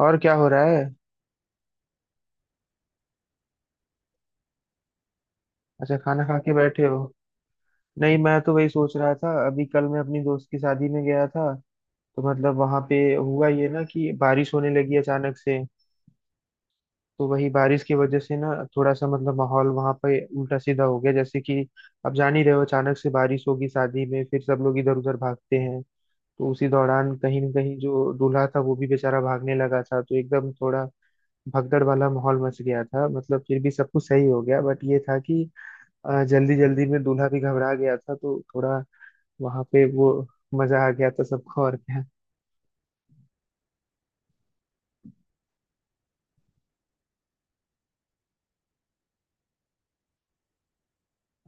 और क्या हो रहा है। अच्छा खाना खा के बैठे हो। नहीं मैं तो वही सोच रहा था, अभी कल मैं अपनी दोस्त की शादी में गया था। तो मतलब वहां पे हुआ ये ना कि बारिश होने लगी अचानक से। तो वही बारिश की वजह से ना थोड़ा सा मतलब माहौल वहां पे उल्टा सीधा हो गया, जैसे कि अब जान ही रहे हो अचानक से बारिश होगी शादी में फिर सब लोग इधर उधर भागते हैं। तो उसी दौरान कहीं ना कहीं जो दूल्हा था वो भी बेचारा भागने लगा था, तो एकदम थोड़ा भगदड़ वाला माहौल मच गया था। मतलब फिर भी सब कुछ सही हो गया बट ये था कि जल्दी जल्दी में दूल्हा भी घबरा गया था तो थोड़ा वहां पे वो मजा आ गया था सबको। और क्या।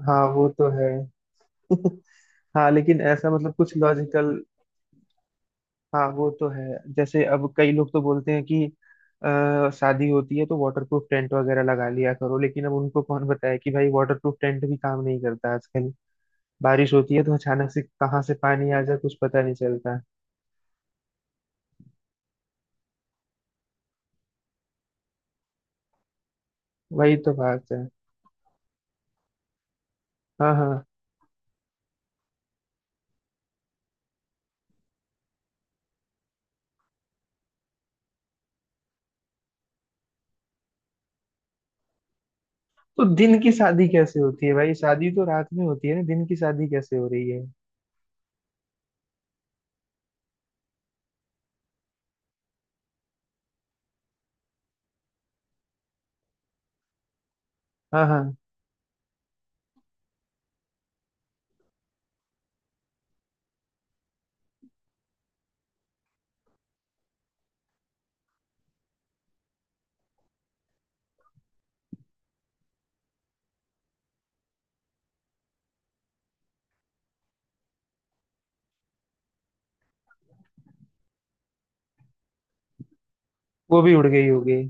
हाँ वो तो है। हाँ लेकिन ऐसा मतलब कुछ लॉजिकल। हाँ वो तो है, जैसे अब कई लोग तो बोलते हैं कि शादी होती है तो वाटरप्रूफ टेंट वगैरह लगा लिया करो, लेकिन अब उनको कौन बताए कि भाई वाटरप्रूफ टेंट भी काम नहीं करता आजकल। बारिश होती है तो अचानक से कहाँ से पानी आ जाए कुछ पता नहीं चलता। वही तो बात है। हाँ हाँ। तो दिन की शादी कैसे होती है भाई? शादी तो रात में होती है ना, दिन की शादी कैसे हो रही है? हाँ हाँ। वो भी उड़ गई होगी।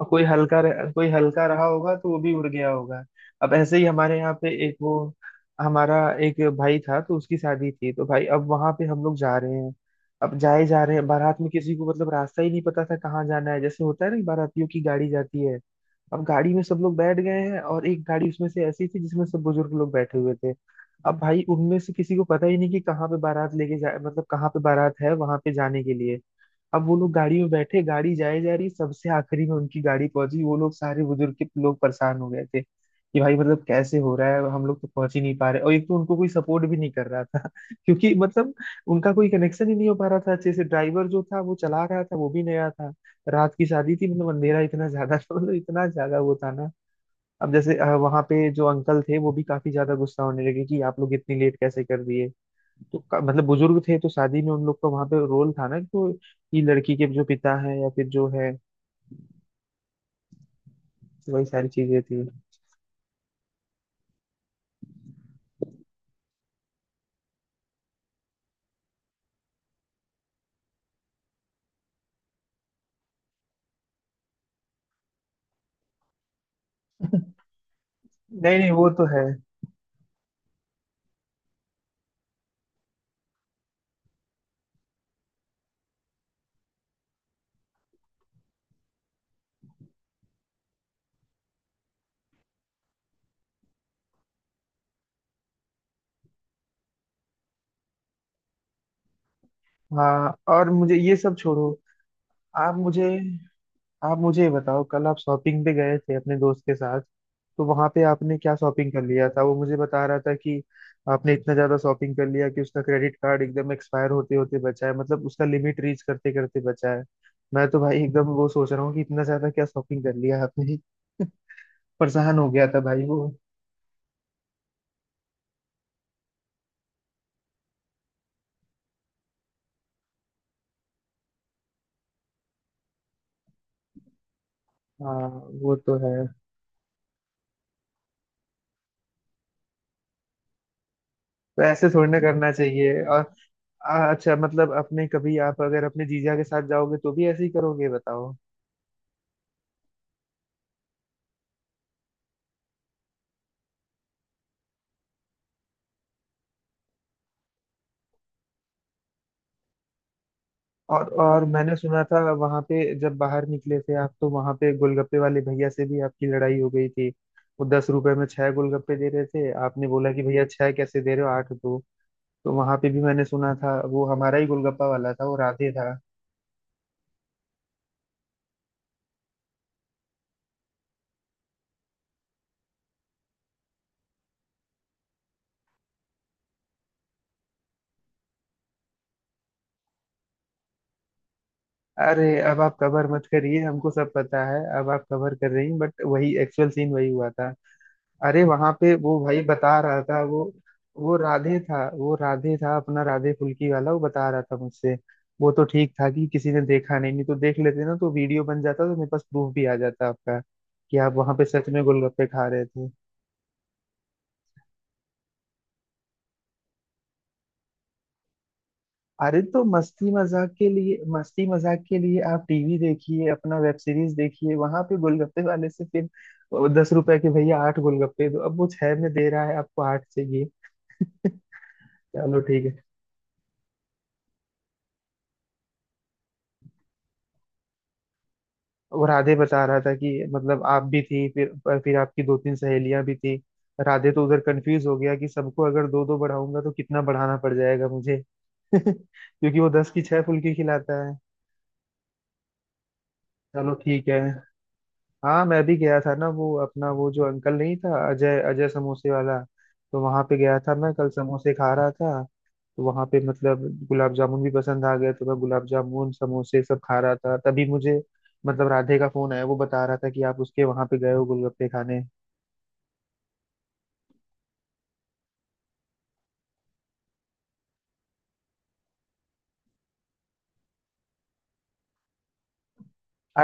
और कोई हल्का रहा होगा तो वो भी उड़ गया होगा। अब ऐसे ही हमारे यहाँ पे एक वो हमारा एक भाई था, तो उसकी शादी थी। तो भाई अब वहां पे हम लोग जा रहे हैं, अब जाए जा रहे हैं बारात में। किसी को मतलब रास्ता ही नहीं पता था कहाँ जाना है, जैसे होता है ना कि बारातियों की गाड़ी जाती है। अब गाड़ी में सब लोग बैठ गए हैं और एक गाड़ी उसमें से ऐसी थी जिसमें सब बुजुर्ग लोग बैठे हुए थे। अब भाई उनमें से किसी को पता ही नहीं कि कहाँ पे बारात लेके जा, मतलब कहाँ पे बारात है वहां पे जाने के लिए। अब वो लोग गाड़ी में बैठे, गाड़ी जाए जा रही, सबसे आखिरी में उनकी गाड़ी पहुंची। वो लोग सारे बुजुर्ग के लोग परेशान हो गए थे कि भाई मतलब कैसे हो रहा है, हम लोग तो पहुंच ही नहीं पा रहे, और एक तो उनको कोई सपोर्ट भी नहीं कर रहा था। क्योंकि मतलब उनका कोई कनेक्शन ही नहीं हो पा रहा था अच्छे से। ड्राइवर जो था वो चला रहा था वो भी नया था। रात की शादी थी, मतलब अंधेरा इतना ज्यादा था, मतलब इतना ज्यादा वो था ना। अब जैसे वहां पे जो अंकल थे वो भी काफी ज्यादा गुस्सा होने लगे कि आप लोग इतनी लेट कैसे कर दिए। तो मतलब बुजुर्ग थे तो शादी में उन लोग का वहां पे रोल था ना, तो ये लड़की के जो पिता है या फिर जो है, वही सारी चीजें थी। नहीं नहीं वो तो है। हाँ और मुझे ये सब छोड़ो। आप मुझे आप मुझे ये बताओ, कल आप शॉपिंग पे गए थे अपने दोस्त के साथ, तो वहां पे आपने क्या शॉपिंग कर लिया था? वो मुझे बता रहा था कि आपने इतना ज्यादा शॉपिंग कर लिया कि उसका क्रेडिट कार्ड एकदम एक्सपायर होते होते बचा है, मतलब उसका लिमिट रीच करते करते बचा है। मैं तो भाई एकदम वो सोच रहा हूँ कि इतना ज्यादा क्या शॉपिंग कर लिया आपने, परेशान हो गया था भाई वो। हाँ वो तो है। तो ऐसे थोड़ी ना करना चाहिए। और अच्छा मतलब अपने कभी आप अगर अपने जीजा के साथ जाओगे तो भी ऐसे ही करोगे बताओ? और मैंने सुना था वहां पे जब बाहर निकले थे आप, तो वहां पे गोलगप्पे वाले भैया से भी आपकी लड़ाई हो गई थी। वो 10 रुपए में छह गोलगप्पे दे रहे थे, आपने बोला कि भैया छह कैसे दे रहे हो, आठ दो। तो वहां पे भी मैंने सुना था, वो हमारा ही गोलगप्पा वाला था, वो राधे था। अरे अब आप कवर मत करिए, हमको सब पता है। अब आप कवर कर रही हैं बट वही एक्चुअल सीन वही हुआ था। अरे वहां पे वो भाई बता रहा था वो। वो राधे था, वो राधे था, अपना राधे फुल्की वाला, वो बता रहा था मुझसे। वो तो ठीक था कि किसी ने देखा नहीं, नहीं तो देख लेते ना, तो वीडियो बन जाता, तो मेरे पास प्रूफ भी आ जाता आपका कि आप वहां पे सच में गोलगप्पे खा रहे थे। अरे तो मस्ती मजाक के लिए, मस्ती मजाक के लिए आप टीवी देखिए, अपना वेब सीरीज देखिए। वहां पे गोलगप्पे वाले से फिर 10 रुपए के भैया आठ गोलगप्पे दो, अब वो छह में दे रहा है आपको आठ चाहिए। चलो ठीक है। वो राधे बता रहा था कि मतलब आप भी थी, फिर आपकी दो तीन सहेलियां भी थी। राधे तो उधर कंफ्यूज हो गया कि सबको अगर दो दो बढ़ाऊंगा तो कितना बढ़ाना पड़ जाएगा मुझे। क्योंकि वो 10 की छह फुल्की खिलाता है। चलो ठीक है। हाँ मैं भी गया था ना, वो अपना वो जो अंकल नहीं था, अजय, अजय समोसे वाला। तो वहां पे गया था, मैं कल समोसे खा रहा था। तो वहां पे मतलब गुलाब जामुन भी पसंद आ गया, तो मैं गुलाब जामुन समोसे सब खा रहा था, तभी मुझे मतलब राधे का फोन आया। वो बता रहा था कि आप उसके वहां पे गए हो गोलगप्पे खाने।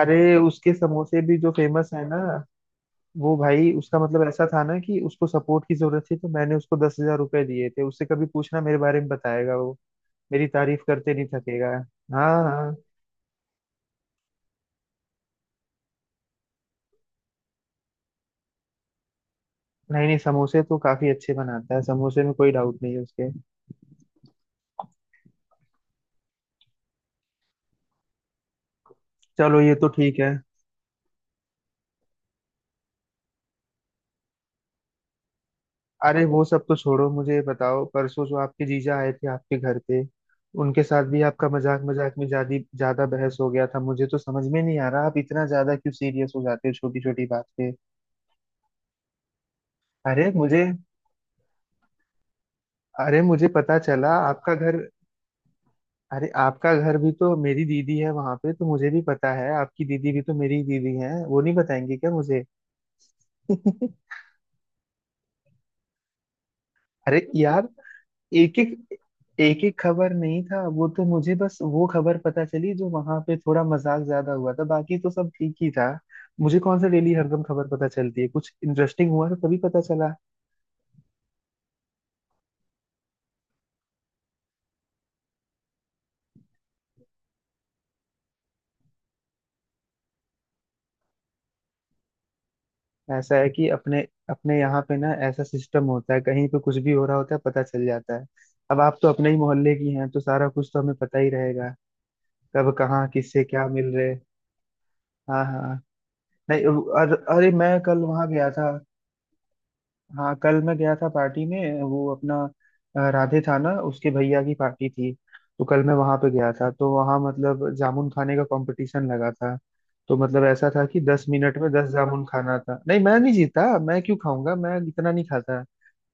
अरे उसके समोसे भी जो फेमस है ना, वो भाई उसका मतलब ऐसा था ना कि उसको सपोर्ट की जरूरत थी, तो मैंने उसको 10,000 रुपए दिए थे। उससे कभी पूछना मेरे बारे में, बताएगा वो, मेरी तारीफ करते नहीं थकेगा। हाँ हाँ। नहीं नहीं समोसे तो काफी अच्छे बनाता है, समोसे में कोई डाउट नहीं है उसके। चलो ये तो ठीक है। अरे वो सब तो छोड़ो, मुझे ये बताओ, परसों जो आपके जीजा आए थे आपके घर पे, उनके साथ भी आपका मजाक मजाक में ज्यादा ज्यादा बहस हो गया था। मुझे तो समझ में नहीं आ रहा आप इतना ज्यादा क्यों सीरियस हो जाते हो छोटी छोटी बात पे। अरे मुझे अरे मुझे पता चला आपका घर। अरे आपका घर भी तो मेरी दीदी है वहां पे, तो मुझे भी पता है। आपकी दीदी भी तो मेरी ही दीदी है, वो नहीं बताएंगी क्या मुझे? अरे यार, एक एक एक एक खबर नहीं था। वो तो मुझे बस वो खबर पता चली जो वहां पे थोड़ा मजाक ज्यादा हुआ था, बाकी तो सब ठीक ही था। मुझे कौन सा डेली हरदम खबर पता चलती है, कुछ इंटरेस्टिंग हुआ तो तभी पता चला। ऐसा है कि अपने अपने यहाँ पे ना ऐसा सिस्टम होता है, कहीं पे कुछ भी हो रहा होता है पता चल जाता है। अब आप तो अपने ही मोहल्ले की हैं, तो सारा कुछ तो हमें पता ही रहेगा, कब कहाँ किससे क्या मिल रहे। हाँ हाँ। नहीं और अरे मैं कल वहां गया था। हाँ कल मैं गया था पार्टी में, वो अपना राधे था ना, उसके भैया की पार्टी थी। तो कल मैं वहां पे गया था, तो वहां मतलब जामुन खाने का कंपटीशन लगा था। तो मतलब ऐसा था कि 10 मिनट में 10 जामुन खाना था। नहीं मैं नहीं जीता, मैं क्यों खाऊंगा, मैं इतना नहीं खाता।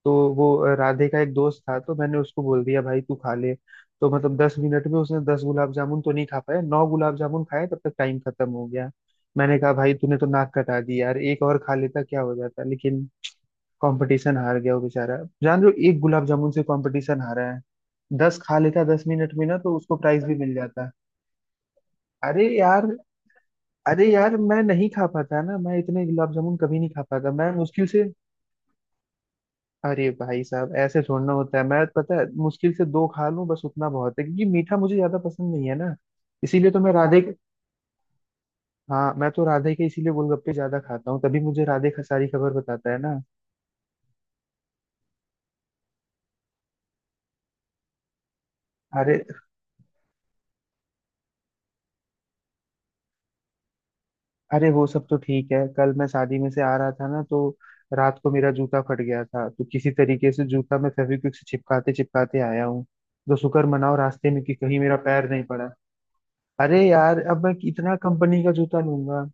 तो वो राधे का एक दोस्त था, तो मैंने उसको बोल दिया भाई तू खा ले। तो मतलब 10 मिनट में उसने 10 गुलाब जामुन तो नहीं खा पाया, नौ गुलाब जामुन खाए तब तक टाइम खत्म हो गया। मैंने कहा भाई तूने तो नाक कटा दी यार, एक और खा लेता क्या हो जाता, लेकिन कंपटीशन हार गया वो बेचारा। जान रहे हो, एक गुलाब जामुन से कंपटीशन हारा है। 10 खा लेता 10 मिनट में ना, तो उसको प्राइज भी मिल जाता। अरे यार, अरे यार मैं नहीं खा पाता ना, मैं इतने गुलाब जामुन कभी नहीं खा पाता, मैं मुश्किल से। अरे भाई साहब ऐसे छोड़ना होता है, मैं पता है मुश्किल से दो खा लूं बस उतना बहुत है, क्योंकि मीठा मुझे ज्यादा पसंद नहीं है ना। इसीलिए तो मैं राधे, हाँ मैं तो राधे के इसीलिए गोलगप्पे ज्यादा खाता हूँ, तभी मुझे राधे का सारी खबर बताता है ना। अरे, अरे वो सब तो ठीक है। कल मैं शादी में से आ रहा था ना, तो रात को मेरा जूता फट गया था, तो किसी तरीके से जूता मैं फेविक्विक से चिपकाते चिपकाते आया हूँ। तो शुक्र मनाओ रास्ते में कि कहीं मेरा पैर नहीं पड़ा। अरे यार अब मैं कितना कंपनी का जूता लूंगा।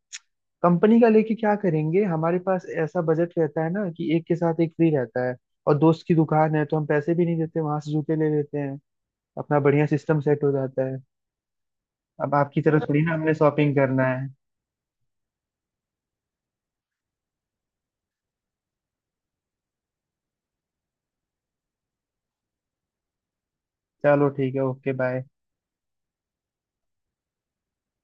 कंपनी का लेके क्या करेंगे, हमारे पास ऐसा बजट रहता है ना कि एक के साथ एक फ्री रहता है। और दोस्त की दुकान है तो हम पैसे भी नहीं देते, वहां से जूते ले लेते हैं, अपना बढ़िया सिस्टम सेट हो जाता है। अब आपकी तरफ थोड़ी ना हमने शॉपिंग करना है। चलो ठीक है, ओके बाय।